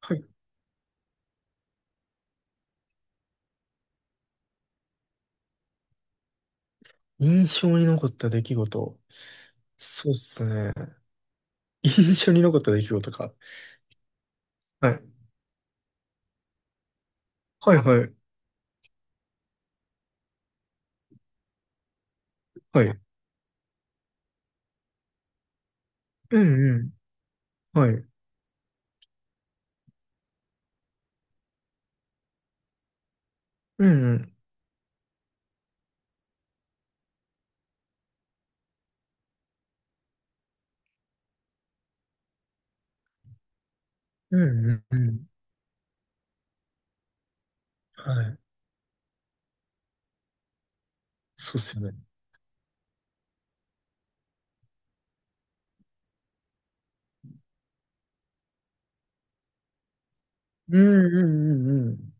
はい。印象に残った出来事。そうっすね。印象に残った出来事か。はい。はいはい。はい。うんうん。はい。うんうん。うんうんうん。はい。そうっすよね。うんうんうんうん。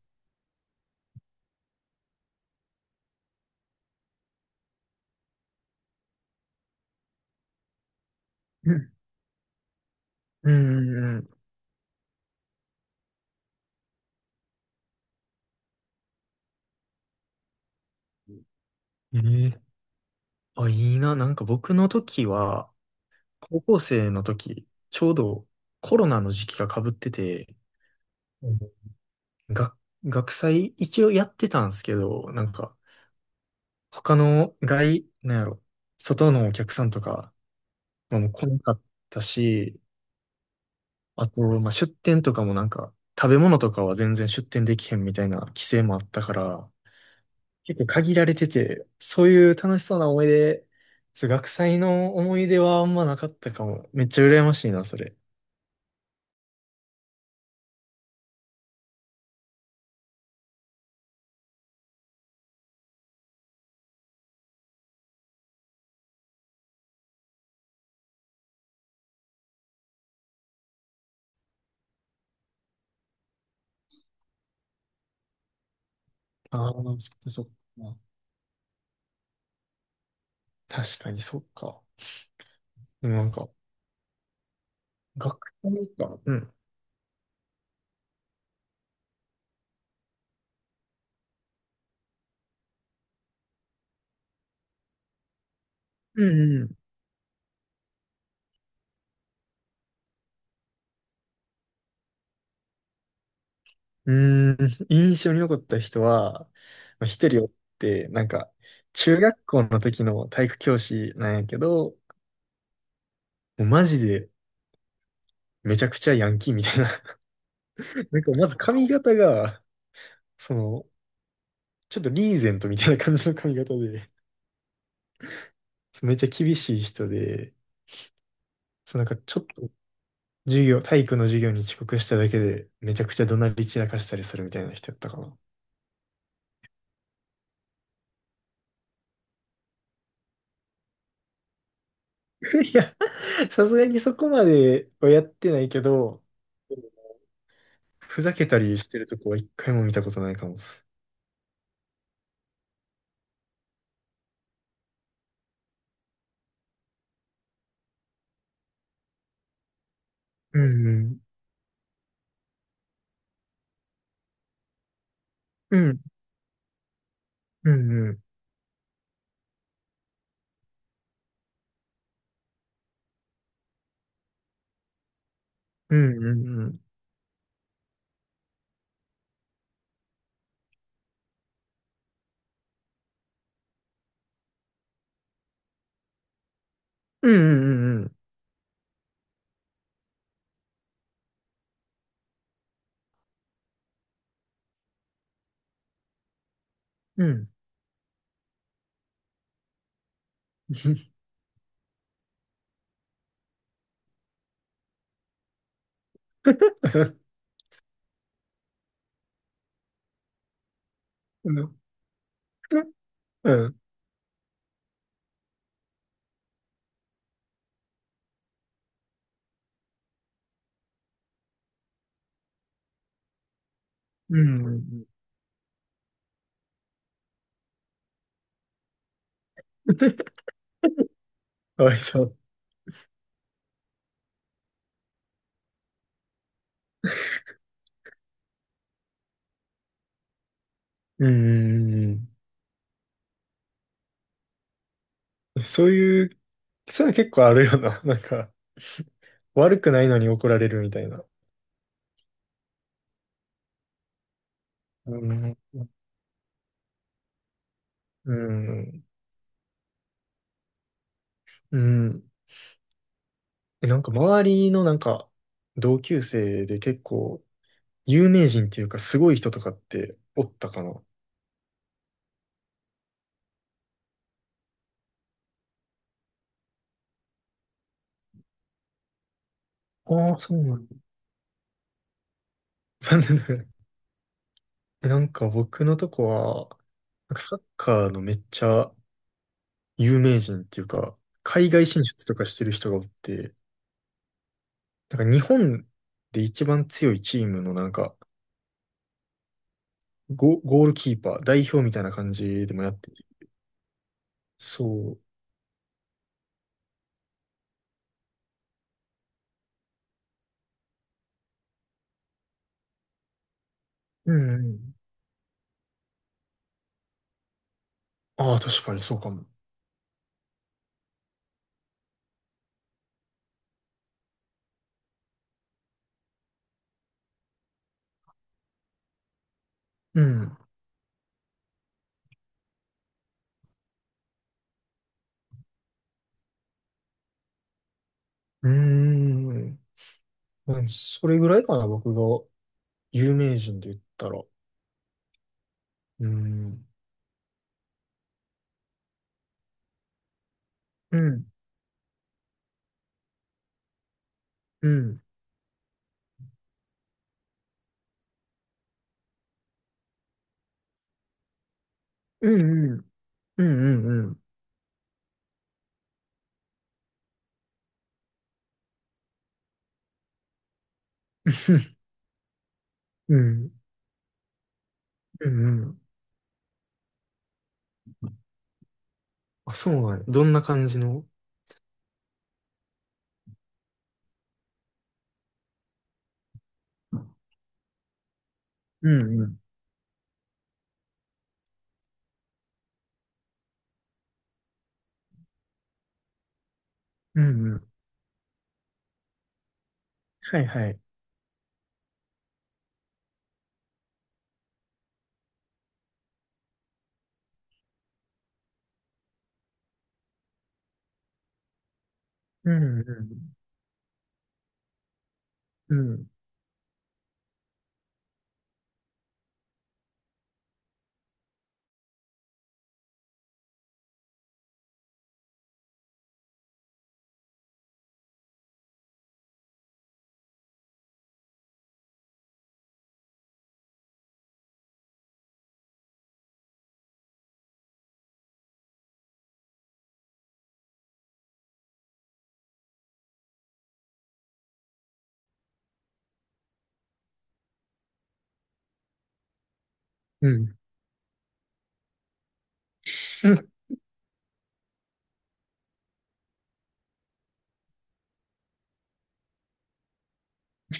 うんうんうんうん。ええ。あ、いいな。なんか僕の時は、高校生の時、ちょうどコロナの時期が被ってて、うん、学、学祭一応やってたんですけど、なんか、他の外、なんやろ、外のお客さんとか、まあ、もう来なかったし、あと、まあ、出店とかもなんか、食べ物とかは全然出店できへんみたいな規制もあったから、結構限られてて、そういう楽しそうな思い出、そう学祭の思い出はあんまなかったかも。めっちゃ羨ましいな、それ。ああ、そっかそっか。確かにそっか。でもなんか、学祭か。うん。うんうん。うーん、印象に残った人は、まあ一人おって、なんか、中学校の時の体育教師なんやけど、もうマジでめちゃくちゃヤンキーみたいな。なんかまず髪型が、その、ちょっとリーゼントみたいな感じの髪型で、そうめっちゃ厳しい人で、そうなんかちょっと授業、体育の授業に遅刻しただけで、めちゃくちゃ怒鳴り散らかしたりするみたいな人やったかな。いや、さすがにそこまではやってないけど、ふざけたりしてるとこは一回も見たことないかもっす。うんうん。うんうん。うんうんうん。うんうんうんうん。うん。うん。うんうん。かわいそう。うんうんうん。そういう、そういうの結構あるよな。なんか、悪くないのに怒られるみたいな。うんうん。うん。え、なんか周りのなんか、同級生で結構、有名人っていうかすごい人とかっておったかな。ああ、そうなの？残念ながら。でなんか僕のとこは、なんかサッカーのめっちゃ有名人っていうか、海外進出とかしてる人がおって、なんか日本で一番強いチームのなんか、ゴールキーパー、代表みたいな感じでもやってる。そう。うんうん。ああ、確かにそうかも。うん。うーん。うん、それぐらいかな、僕が有名人で言ったら。うん。うん。うん。うんうん。うんうんうん。うん。うんうん。あ、そうなんや。どんな感じの。うんうん。うんうん。はいはい。うんうん。うんうん。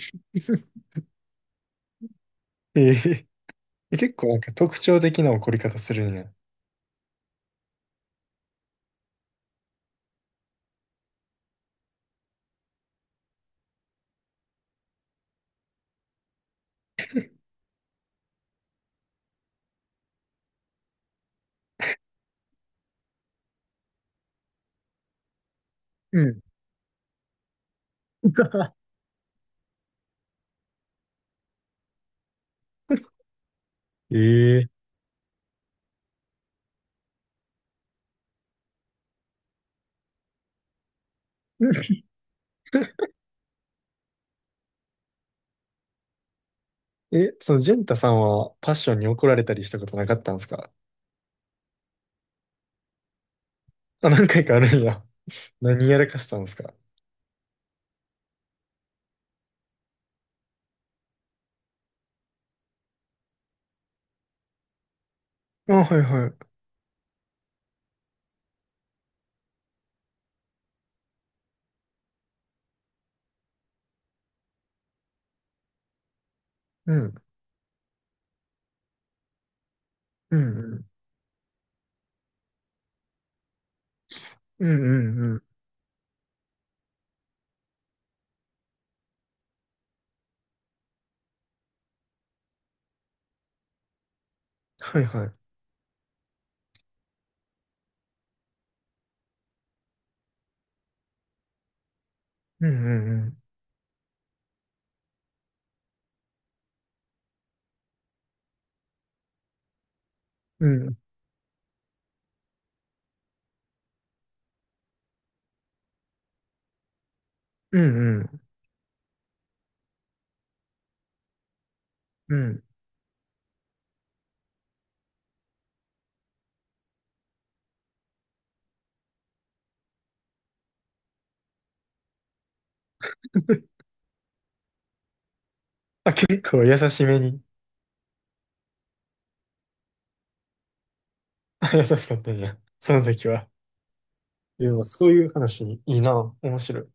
えええ、結構なんか特徴的な怒り方するんや。うん。えええ、そのジェンタさんはパッションに怒られたりしたことなかったんですか？ あ、何回かあるんや。何やらかしたんですか？あ、はいはい。うん。うんうん。うんうんうん。はいはい。うんうんうん。うん。うんうん。うん。あ、結構優しめに。あ、優しかったんや。その時は。でもそういう話いいな。面白い。